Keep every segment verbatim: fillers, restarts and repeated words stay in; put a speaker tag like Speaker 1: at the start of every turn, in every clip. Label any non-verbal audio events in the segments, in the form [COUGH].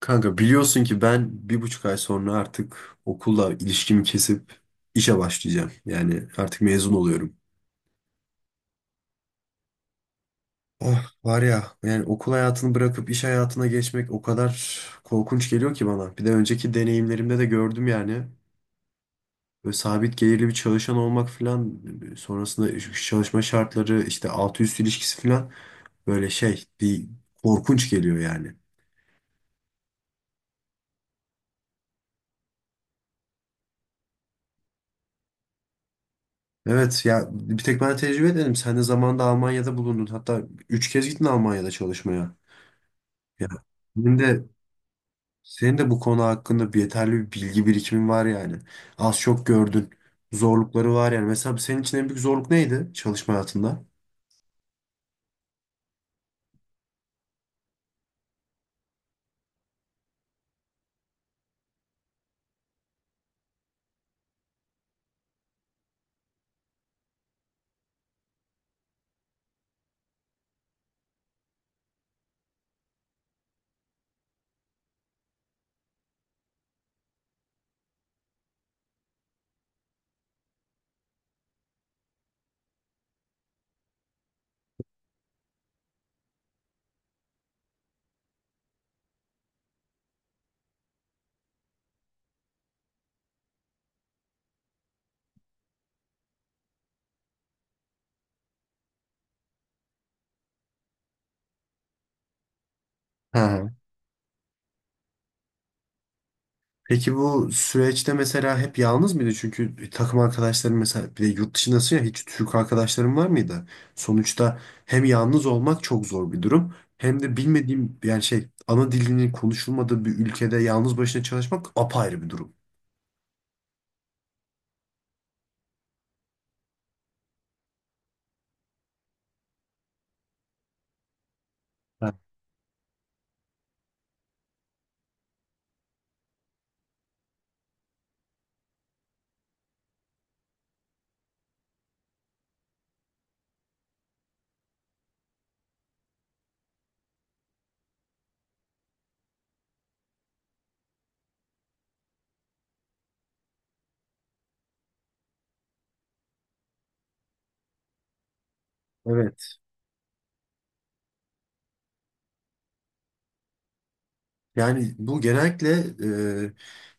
Speaker 1: Kanka biliyorsun ki ben bir buçuk ay sonra artık okulla ilişkimi kesip işe başlayacağım. Yani artık mezun oluyorum. Oh var ya, yani okul hayatını bırakıp iş hayatına geçmek o kadar korkunç geliyor ki bana. Bir de önceki deneyimlerimde de gördüm yani. Böyle sabit gelirli bir çalışan olmak falan, sonrasında çalışma şartları, işte altı üst ilişkisi falan, böyle şey bir korkunç geliyor yani. Evet ya, bir tek ben tecrübe edelim. Sen de zamanında Almanya'da bulundun. Hatta üç kez gittin Almanya'da çalışmaya. Ya, senin de senin de bu konu hakkında bir yeterli bir bilgi birikimin var yani. Az çok gördün. Zorlukları var yani. Mesela senin için en büyük zorluk neydi çalışma hayatında? Ha. Peki bu süreçte mesela hep yalnız mıydı? Çünkü takım arkadaşların, mesela bir de yurt dışındasın ya, hiç Türk arkadaşların var mıydı? Sonuçta hem yalnız olmak çok zor bir durum, hem de bilmediğim, yani şey, ana dilinin konuşulmadığı bir ülkede yalnız başına çalışmak apayrı bir durum. Ha, evet. Yani bu genellikle e,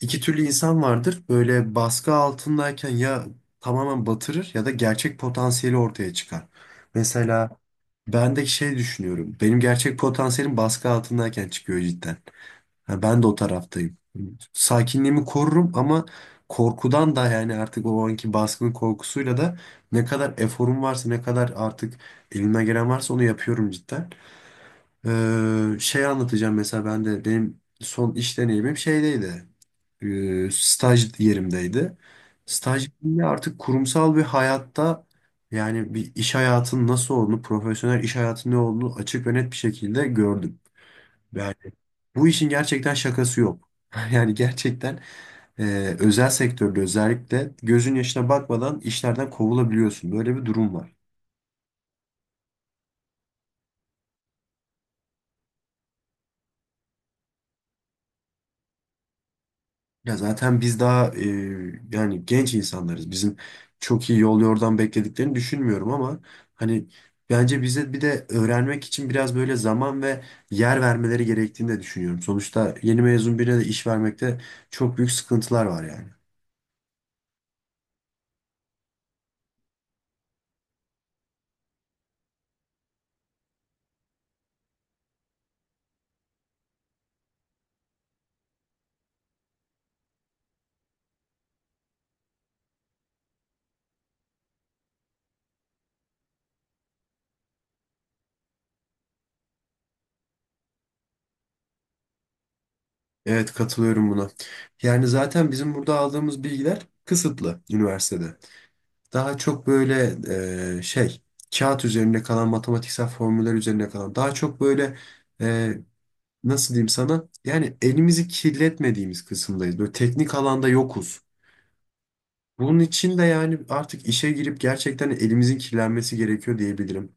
Speaker 1: iki türlü insan vardır. Böyle baskı altındayken ya tamamen batırır ya da gerçek potansiyeli ortaya çıkar. Mesela ben de şey düşünüyorum. Benim gerçek potansiyelim baskı altındayken çıkıyor cidden. Ha, ben de o taraftayım. Sakinliğimi korurum ama korkudan da, yani artık o anki baskının korkusuyla da ne kadar eforum varsa, ne kadar artık elime gelen varsa onu yapıyorum cidden. Ee, şey anlatacağım mesela. Ben de benim son iş deneyimim şeydeydi. Ee, staj yerimdeydi. Staj yerimde artık kurumsal bir hayatta, yani bir iş hayatının nasıl olduğunu, profesyonel iş hayatının ne olduğunu açık ve net bir şekilde gördüm. Yani bu işin gerçekten şakası yok. [LAUGHS] Yani gerçekten e, özel sektörde özellikle gözün yaşına bakmadan işlerden kovulabiliyorsun. Böyle bir durum var. Ya zaten biz daha e, yani genç insanlarız. Bizim çok iyi yol yordan beklediklerini düşünmüyorum ama hani bence bize bir de öğrenmek için biraz böyle zaman ve yer vermeleri gerektiğini de düşünüyorum. Sonuçta yeni mezun birine de iş vermekte çok büyük sıkıntılar var yani. Evet, katılıyorum buna. Yani zaten bizim burada aldığımız bilgiler kısıtlı üniversitede. Daha çok böyle, e, şey kağıt üzerinde kalan, matematiksel formüller üzerine kalan, daha çok böyle, e, nasıl diyeyim sana? Yani elimizi kirletmediğimiz kısımdayız. Böyle teknik alanda yokuz. Bunun için de yani artık işe girip gerçekten elimizin kirlenmesi gerekiyor diyebilirim.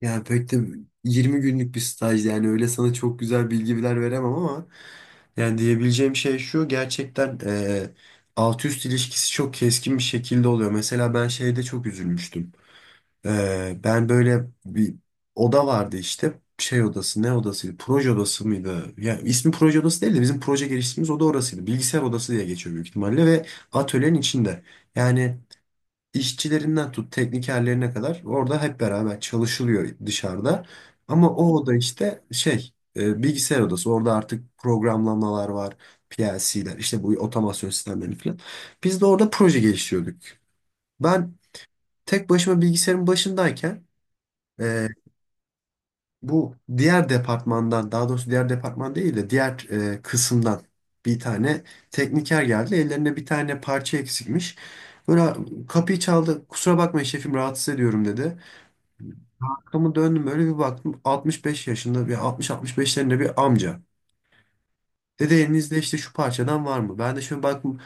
Speaker 1: Yani pek de yirmi günlük bir staj, yani öyle sana çok güzel bilgiler veremem ama yani diyebileceğim şey şu: gerçekten eee, alt üst ilişkisi çok keskin bir şekilde oluyor. Mesela ben şeyde çok üzülmüştüm. Ee, ben böyle bir oda vardı işte. Şey odası, ne odasıydı, proje odası mıydı? Ya ismi proje odası değil de bizim proje geliştirdiğimiz oda orasıydı. Bilgisayar odası diye geçiyor büyük ihtimalle ve atölyenin içinde. Yani işçilerinden tut teknikerlerine kadar orada hep beraber çalışılıyor dışarıda. Ama o oda işte şey, e, bilgisayar odası. Orada artık programlamalar var. P L C'ler işte, bu otomasyon sistemleri falan. Biz de orada proje geliştiriyorduk. Ben tek başıma bilgisayarın başındayken ee, bu diğer departmandan, daha doğrusu diğer departman değil de diğer e, kısımdan bir tane tekniker geldi. Ellerinde bir tane parça eksikmiş. Böyle kapıyı çaldı. Kusura bakmayın şefim, rahatsız ediyorum, dedi. Arkamı döndüm, böyle bir baktım. altmış beş yaşında bir, altmış altmış beşlerinde bir amca. Dedi elinizde işte şu parçadan var mı? Ben de şöyle baktım.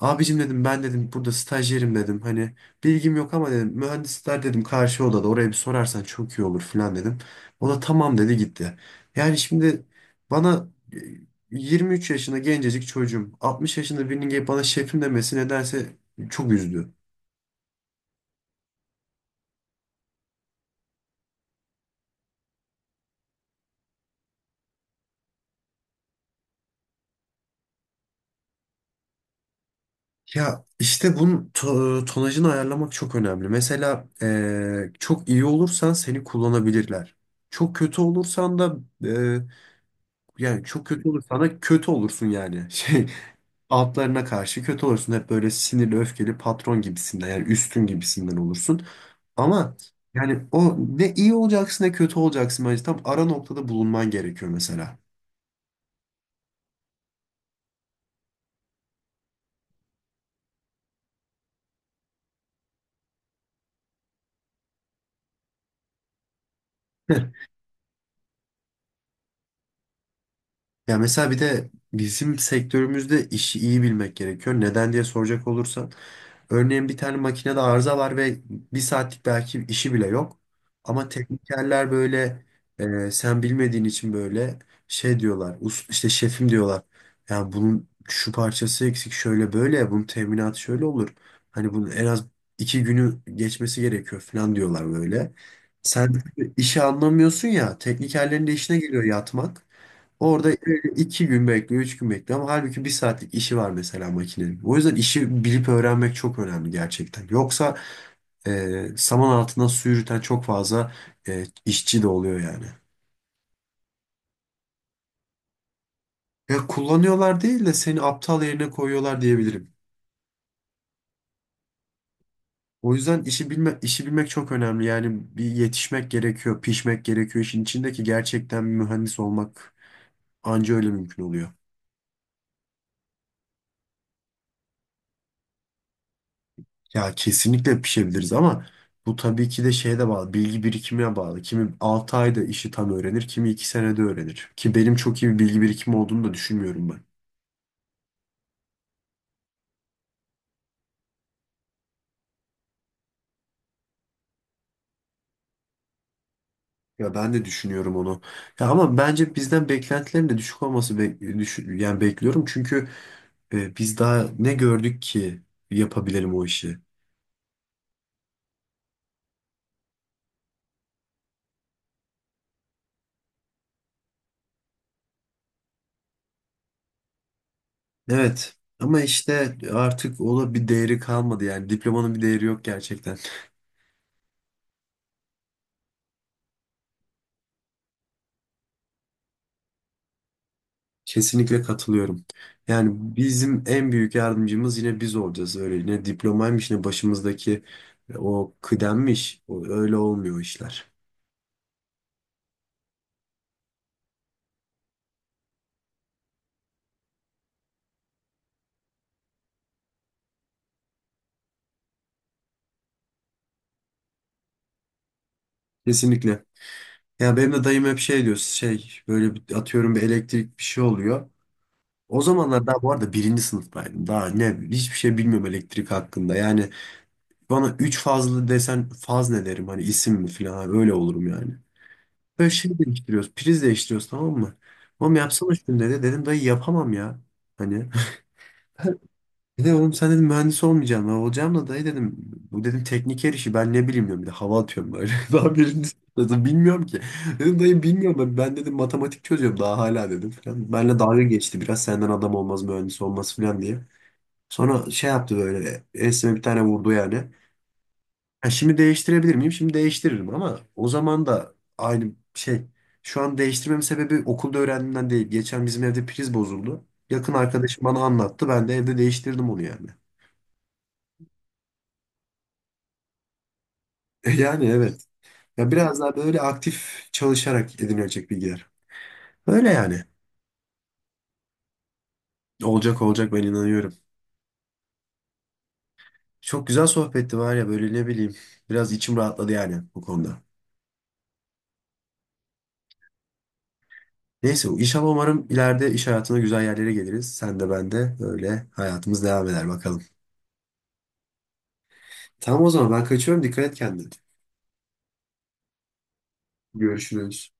Speaker 1: Abicim dedim, ben dedim burada stajyerim dedim. Hani bilgim yok ama dedim, mühendisler dedim karşı odada, oraya bir sorarsan çok iyi olur falan dedim. O da tamam dedi, gitti. Yani şimdi bana, e, yirmi üç yaşında gencecik çocuğum, altmış yaşında birinin gelip bana şefim demesi nedense çok üzdü. Ya işte bunun to- e, tonajını ayarlamak çok önemli. Mesela e, çok iyi olursan seni kullanabilirler. Çok kötü olursan da, e, yani çok kötü olur. Sana kötü olursun yani. [LAUGHS] Şey, altlarına karşı kötü olursun. Hep böyle sinirli, öfkeli patron gibisinden, yani üstün gibisinden olursun. Ama yani o, ne iyi olacaksın ne kötü olacaksın, bence tam ara noktada bulunman gerekiyor mesela. Heh. Ya mesela bir de bizim sektörümüzde işi iyi bilmek gerekiyor. Neden diye soracak olursan, örneğin bir tane makinede arıza var ve bir saatlik belki işi bile yok. Ama teknikerler böyle, e, sen bilmediğin için böyle şey diyorlar. us- işte şefim diyorlar. Yani bunun şu parçası eksik, şöyle böyle bunun teminatı şöyle olur. Hani bunun en az iki günü geçmesi gerekiyor falan diyorlar böyle. Sen işi anlamıyorsun ya, teknikerlerin de işine geliyor yatmak. Orada İki gün bekliyor, üç gün bekliyor ama halbuki bir saatlik işi var mesela makinenin. O yüzden işi bilip öğrenmek çok önemli gerçekten. Yoksa e, saman altından su yürüten çok fazla e, işçi de oluyor yani. Ya kullanıyorlar değil de, seni aptal yerine koyuyorlar diyebilirim. O yüzden işi bilme, işi bilmek çok önemli. Yani bir yetişmek gerekiyor, pişmek gerekiyor. İşin içindeki gerçekten bir mühendis olmak anca öyle mümkün oluyor. Ya kesinlikle pişebiliriz ama bu tabii ki de şeye de bağlı. Bilgi birikimine bağlı. Kimi altı ayda işi tam öğrenir, kimi iki senede öğrenir. Ki benim çok iyi bir bilgi birikimi olduğunu da düşünmüyorum ben. Ya ben de düşünüyorum onu. Ya ama bence bizden beklentilerin de düşük olması bek- düş- yani bekliyorum. Çünkü e, biz daha ne gördük ki yapabilelim o işi. Evet ama işte artık ona bir değeri kalmadı yani, diplomanın bir değeri yok gerçekten. Kesinlikle katılıyorum. Yani bizim en büyük yardımcımız yine biz olacağız. Öyle ne diplomaymış ne başımızdaki e, o kıdemmiş. O, öyle olmuyor işler. Kesinlikle. Ya benim de dayım hep şey diyor. Şey böyle bir- atıyorum bir elektrik bir şey oluyor. O zamanlar daha, bu arada, birinci sınıftaydım. Daha ne, hiçbir şey bilmiyorum elektrik hakkında. Yani bana üç fazlı desen, faz ne derim hani, isim mi falan, hani öyle olurum yani. Böyle şey değiştiriyoruz. Priz değiştiriyoruz, tamam mı? Oğlum yapsana şunu, dedi. Dedim dayı, yapamam ya. Hani. [LAUGHS] Dedi oğlum, sen dedim mühendis olmayacaksın. Ben olacağım da dayı, dedim. Bu dedim teknik her işi ben ne bileyim, diyorum. Bir de hava atıyorum böyle. [LAUGHS] Daha birinci sınıfta, bilmiyorum ki. Dedim dayı bilmiyorum ben. Ben dedim matematik çözüyorum daha hala dedim falan. Benle dalga geçti biraz, senden adam olmaz mühendis olmaz falan diye. Sonra şey yaptı böyle. Esme bir tane vurdu yani. Ha, şimdi değiştirebilir miyim? Şimdi değiştiririm ama o zaman da aynı şey. Şu an değiştirmemin sebebi okulda öğrendiğimden değil. Geçen bizim evde priz bozuldu. Yakın arkadaşım bana anlattı. Ben de evde değiştirdim onu yani. [LAUGHS] Yani evet. Ya biraz daha böyle aktif çalışarak edinilecek bilgiler. Öyle yani. Olacak olacak, ben inanıyorum. Çok güzel sohbetti var ya, böyle ne bileyim. Biraz içim rahatladı yani bu konuda. Neyse, inşallah umarım ileride iş hayatına güzel yerlere geliriz. Sen de ben de, öyle hayatımız devam eder bakalım. Tamam, o zaman ben kaçıyorum. Dikkat et kendine. Görüşürüz.